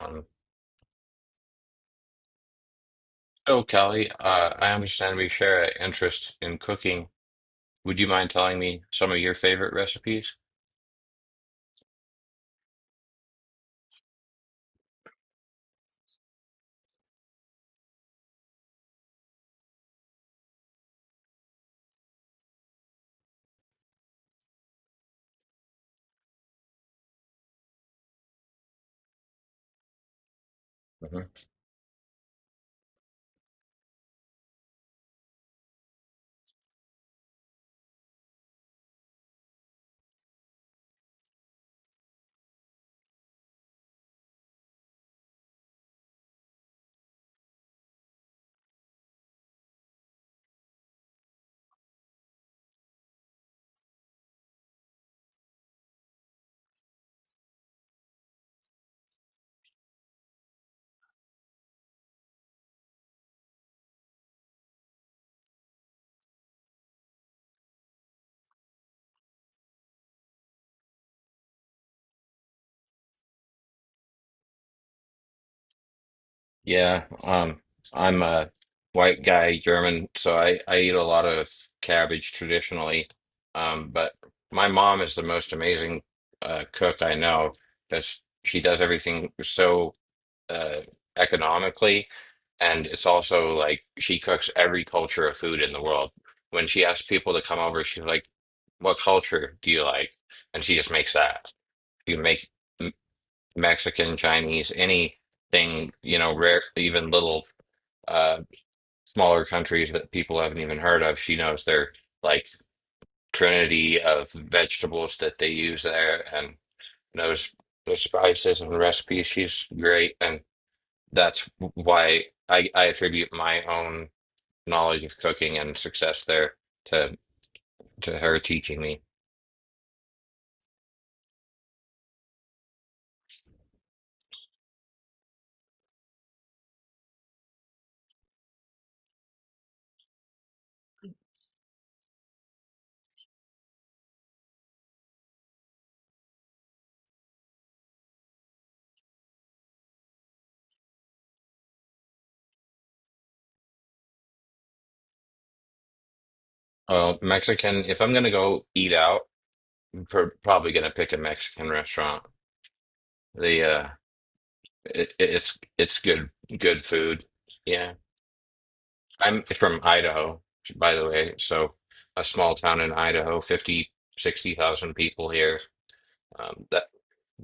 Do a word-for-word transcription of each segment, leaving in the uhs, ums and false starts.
Um, so, Kelly, uh, I understand we share an interest in cooking. Would you mind telling me some of your favorite recipes? Mhm. Yeah, um, I'm a white guy, German, so I, I eat a lot of cabbage traditionally. Um, but my mom is the most amazing uh, cook I know because she does everything so uh, economically, and it's also like she cooks every culture of food in the world. When she asks people to come over, she's like, "What culture do you like?" And she just makes that. You make. Mexican, Chinese, anything, you know, rare, even little uh, smaller countries that people haven't even heard of. She knows their like trinity of vegetables that they use there and knows the spices and recipes. She's great. And that's why I, I attribute my own knowledge of cooking and success there to to her teaching me. Oh, Mexican, if I'm gonna go eat out, I'm pr probably gonna pick a Mexican restaurant. The uh It, it's it's good good food. Yeah. I'm from Idaho, by the way. So a small town in Idaho, fifty sixty thousand people here. Um, that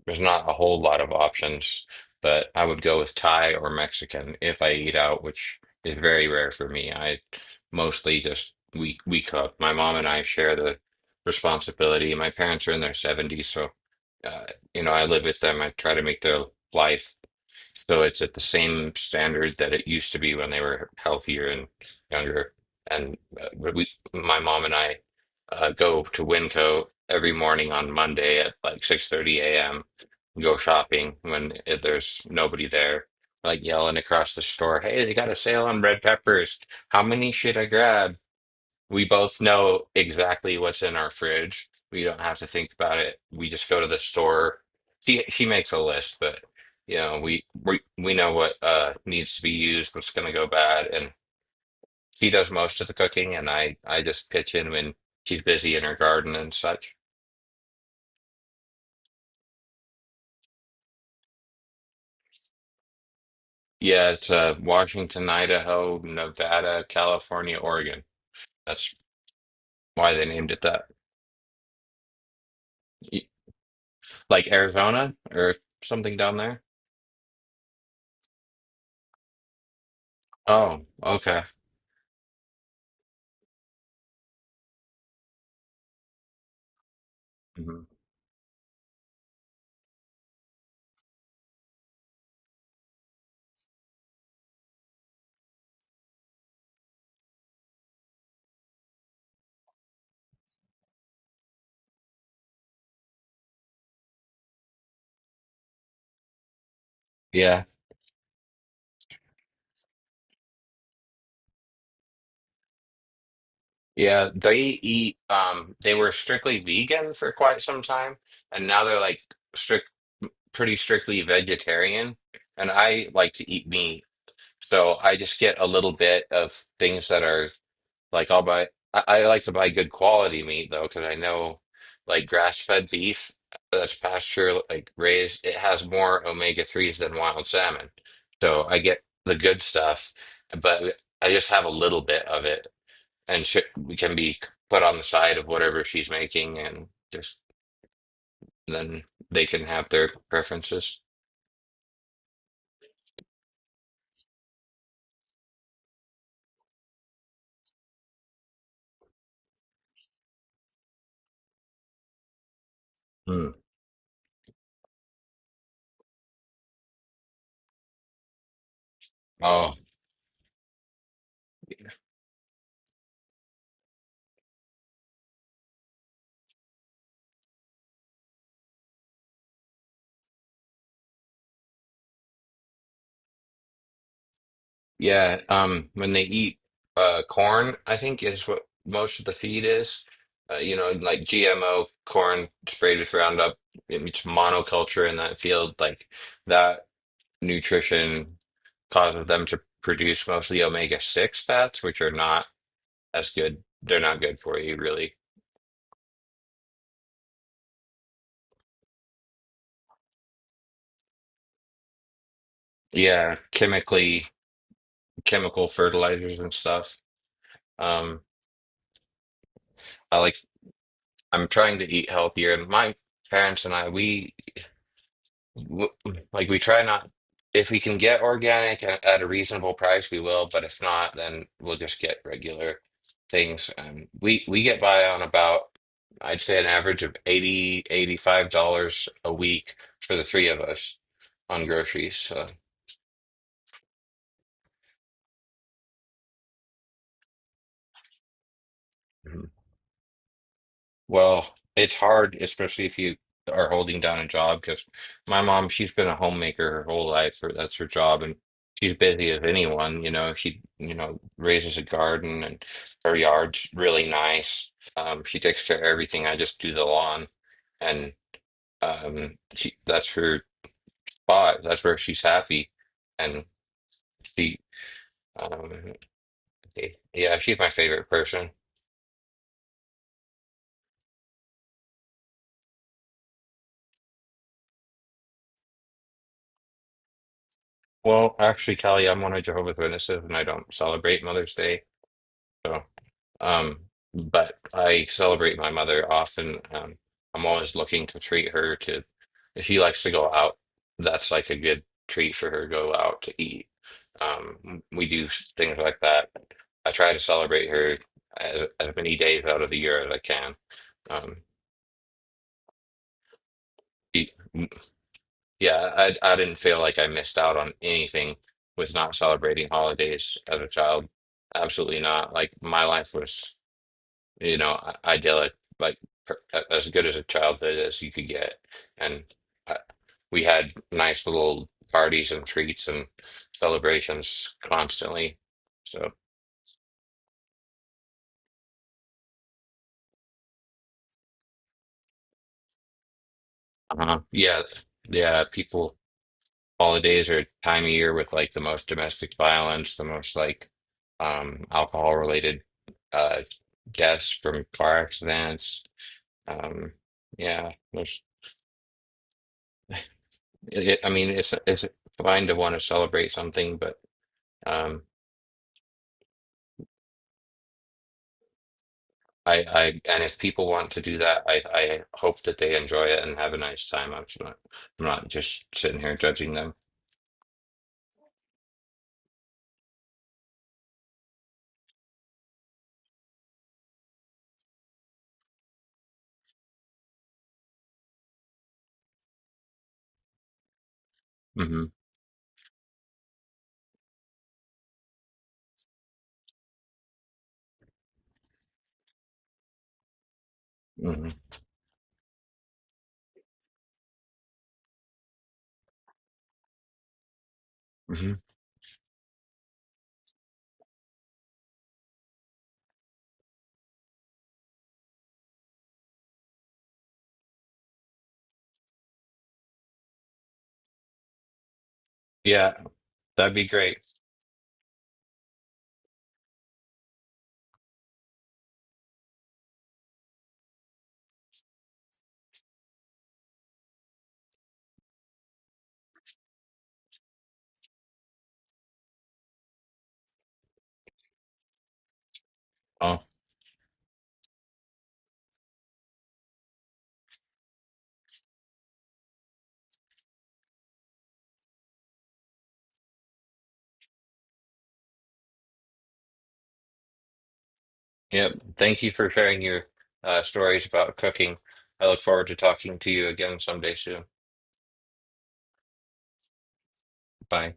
There's not a whole lot of options, but I would go with Thai or Mexican if I eat out, which is very rare for me. I mostly just we we cook. My mom and I share the responsibility. My parents are in their seventies, so uh, you know, I live with them. I try to make their life so it's at the same standard that it used to be when they were healthier and younger. And uh, we, my mom and I, uh, go to Winco every morning on Monday at like six thirty a m. Go shopping when it, there's nobody there, like yelling across the store, "Hey, they got a sale on red peppers. How many should I grab?" We both know exactly what's in our fridge. We don't have to think about it. We just go to the store. She she makes a list, but you know, we we we know what uh needs to be used, what's gonna go bad, and she does most of the cooking, and I I just pitch in when she's busy in her garden and such. Yeah, it's uh Washington, Idaho, Nevada, California, Oregon. That's why they named it that. Y- Like Arizona or something down there? Oh, okay. Mhm. Yeah. Yeah, they eat um they were strictly vegan for quite some time, and now they're like strict pretty strictly vegetarian, and I like to eat meat. So I just get a little bit of things that are like I'll buy I, I like to buy good quality meat though, because I know like grass-fed beef that's pasture like raised, it has more omega threes than wild salmon. So I get the good stuff, but I just have a little bit of it, and sh we can be put on the side of whatever she's making, and just then they can have their preferences. Hmm. Oh, yeah. Um, when they eat uh corn, I think is what most of the feed is. Uh, you know, like G M O corn sprayed with Roundup, it's monoculture in that field. Like that nutrition causes them to produce mostly omega six fats, which are not as good. They're not good for you, really. Yeah, chemically. Chemical fertilizers and stuff. Um, I like I'm trying to eat healthier, and my parents and I, we w- like we try not. If we can get organic at, at a reasonable price, we will. But if not, then we'll just get regular things. And we we get by on about I'd say an average of eighty eighty five dollars a week for the three of us on groceries. So. Well, it's hard, especially if you are holding down a job, because my mom, she's been a homemaker her whole life, or that's her job, and she's busy as anyone, you know. She, you know, raises a garden and her yard's really nice. Um, she takes care of everything. I just do the lawn, and um, she, that's her spot. That's where she's happy, and she, um, yeah, she's my favorite person. Well, actually, Kelly, I'm one of Jehovah's Witnesses, and I don't celebrate Mother's Day. so. Um, but I celebrate my mother often. Um, I'm always looking to treat her to, if she likes to go out, that's like a good treat for her, go out to eat. Um, we do things like that. I try to celebrate her as, as many days out of the year as I can. Um, e- yeah, I, I didn't feel like I missed out on anything with not celebrating holidays as a child. Absolutely not. Like my life was, you know, i- idyllic, like per, a- as good as a childhood as you could get. And uh, we had nice little parties and treats and celebrations constantly. So, uh yeah, yeah, people, holidays are a time of year with like the most domestic violence, the most like um, alcohol related uh, deaths from car accidents. Um, yeah, there's, it, it- I mean, it's it's fine to want to celebrate something, but. Um, I, I, and if people want to do that, I, I hope that they enjoy it and have a nice time. I'm not, I'm not just sitting here judging them. Hmm. Hmm. Hmm. Yeah, that'd be great. Oh, yep. Thank you for sharing your uh, stories about cooking. I look forward to talking to you again someday soon. Bye.